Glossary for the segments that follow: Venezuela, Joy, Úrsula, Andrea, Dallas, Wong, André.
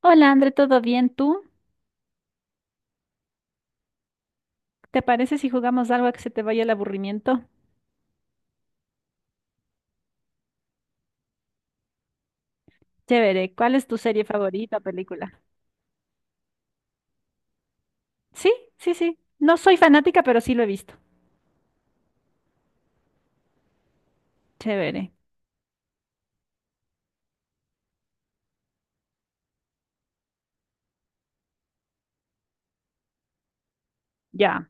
Hola, André, ¿todo bien? ¿Tú? ¿Te parece si jugamos algo a que se te vaya el aburrimiento? Chévere. ¿Cuál es tu serie favorita, o película? Sí, sí, sí. No soy fanática, pero sí lo he visto. Chévere. Ya.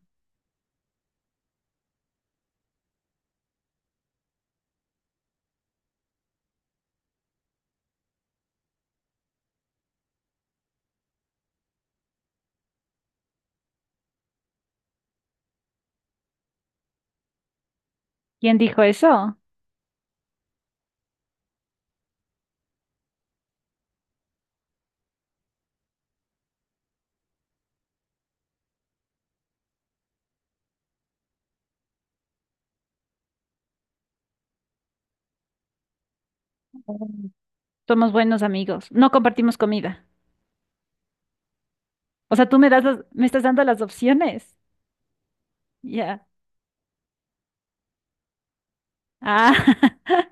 ¿Quién dijo eso? Mm. Somos buenos amigos. No compartimos comida. O sea, tú me das las- me estás dando las opciones. Ya. Ah.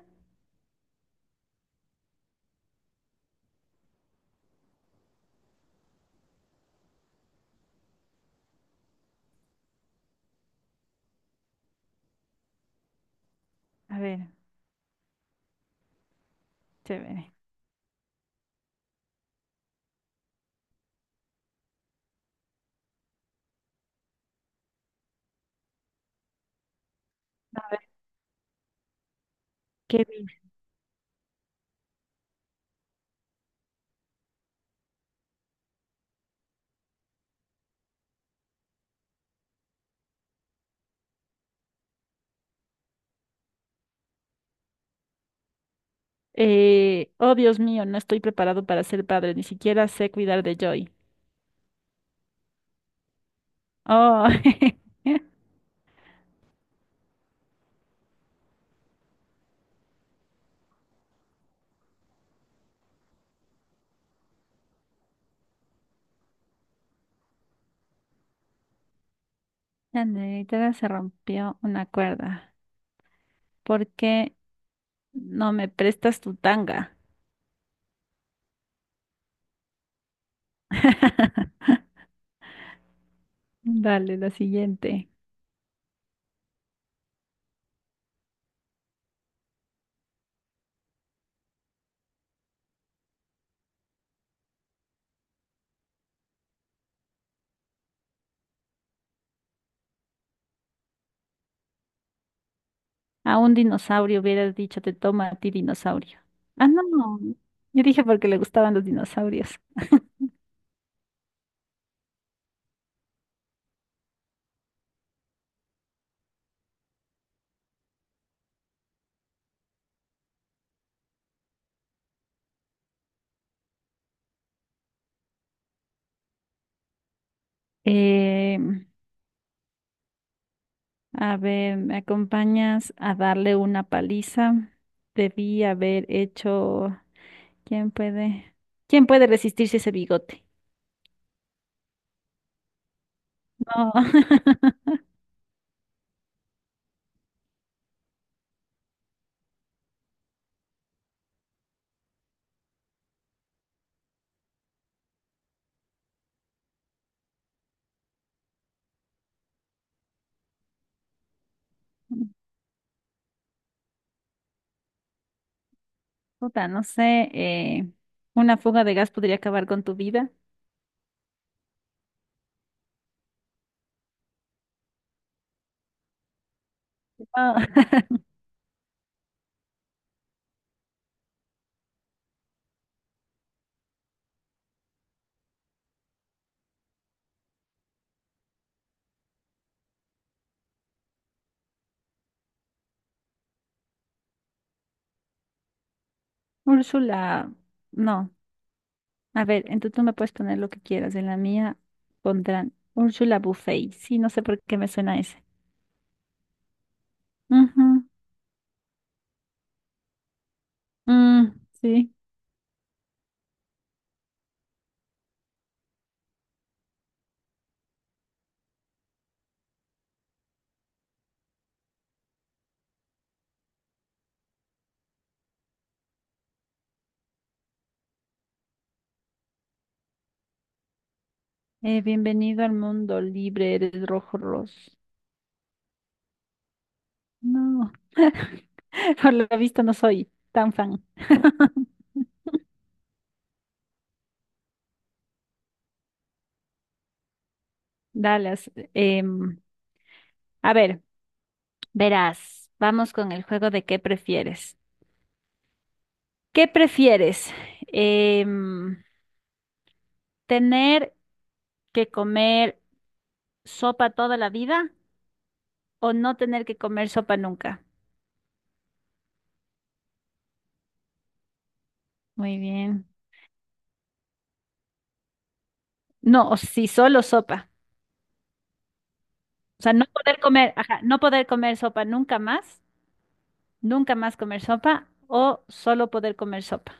A ver, chévere. A ver, ¿qué vi? Oh, Dios mío, no estoy preparado para ser padre. Ni siquiera sé cuidar de Joy. Oh. La negrita se rompió una cuerda. ¿Por qué no me prestas tu tanga? Dale, la siguiente. A un dinosaurio hubieras dicho, te toma a ti dinosaurio. Ah, no, no. Yo dije porque le gustaban los dinosaurios. Eh, a ver, ¿me acompañas a darle una paliza? Debí haber hecho. ¿Quién puede, quién puede resistirse a ese bigote? No. Puta, no sé. Una fuga de gas podría acabar con tu vida. No. Úrsula, no. A ver, entonces tú me puedes poner lo que quieras. En la mía pondrán Úrsula Buffet. Sí, no sé por qué me suena ese. Ujú. Mm, sí. Bienvenido al mundo libre, eres rojo ros. No, por lo visto no soy tan fan. Dallas. A ver. Verás, vamos con el juego de qué prefieres. ¿Qué prefieres? Em, ¿Tener que comer sopa toda la vida o no tener que comer sopa nunca? Muy bien. No, o si solo sopa. O sea, no poder comer, ajá, no poder comer sopa nunca más, nunca más comer sopa o solo poder comer sopa.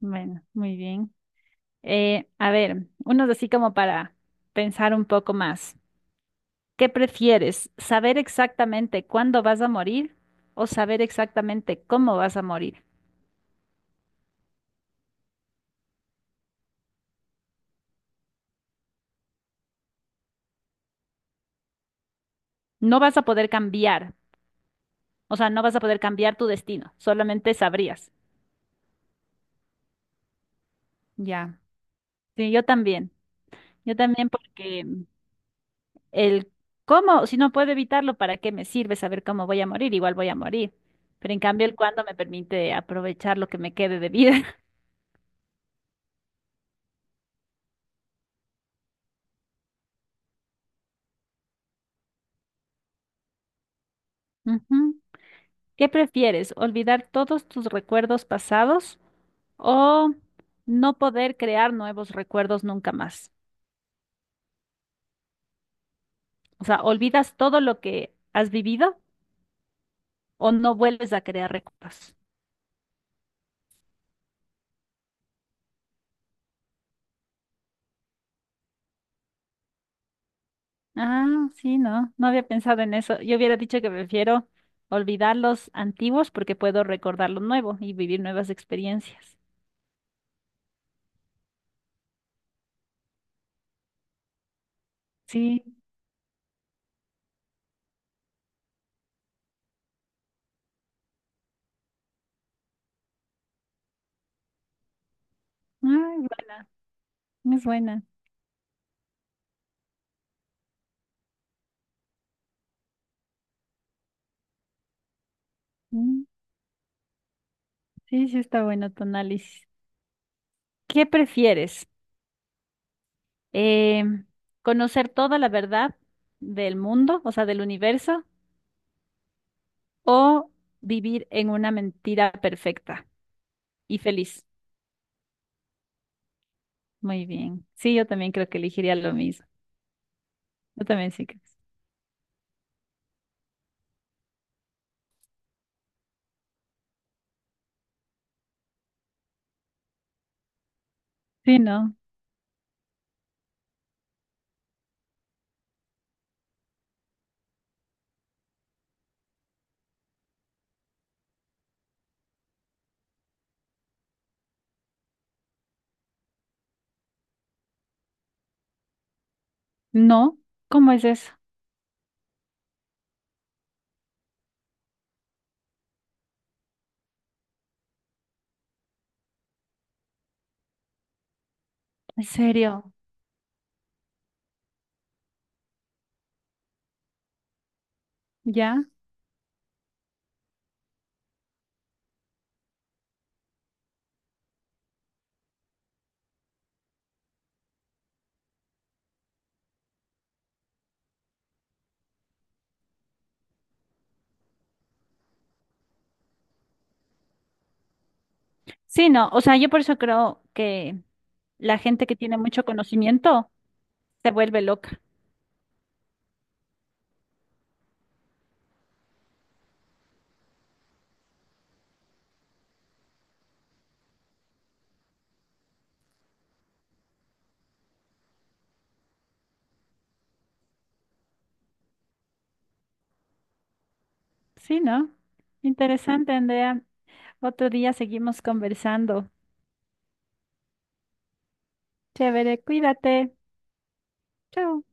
Bueno, muy bien. A ver, unos así como para pensar un poco más. ¿Qué prefieres? ¿Saber exactamente cuándo vas a morir o saber exactamente cómo vas a morir? No vas a poder cambiar, o sea, no vas a poder cambiar tu destino, solamente sabrías. Ya. Sí, yo también. Yo también porque el cómo, si no puedo evitarlo, ¿para qué me sirve saber cómo voy a morir? Igual voy a morir. Pero en cambio el cuándo me permite aprovechar lo que me quede de vida. Ujú. ¿Qué prefieres? ¿Olvidar todos tus recuerdos pasados? O no poder crear nuevos recuerdos nunca más. O sea, olvidas todo lo que has vivido o no vuelves a crear recuerdos. Ah, sí, no, no había pensado en eso. Yo hubiera dicho que prefiero olvidar los antiguos porque puedo recordar lo nuevo y vivir nuevas experiencias. Sí, ah, es buena, es buena. Mm, sí, sí está bueno tu análisis. ¿Qué prefieres? Eh, ¿Conocer toda la verdad del mundo, o sea, del universo? O vivir en una mentira perfecta y feliz. Muy bien. Sí, yo también creo que elegiría lo mismo. Yo también sí creo. Sí, no. No, ¿cómo es eso? ¿En serio? ¿Ya? Sí, no. O sea, yo por eso creo que la gente que tiene mucho conocimiento se vuelve loca. Sí, ¿no? Interesante, Andrea. Otro día seguimos conversando. Chévere, cuídate. Chao.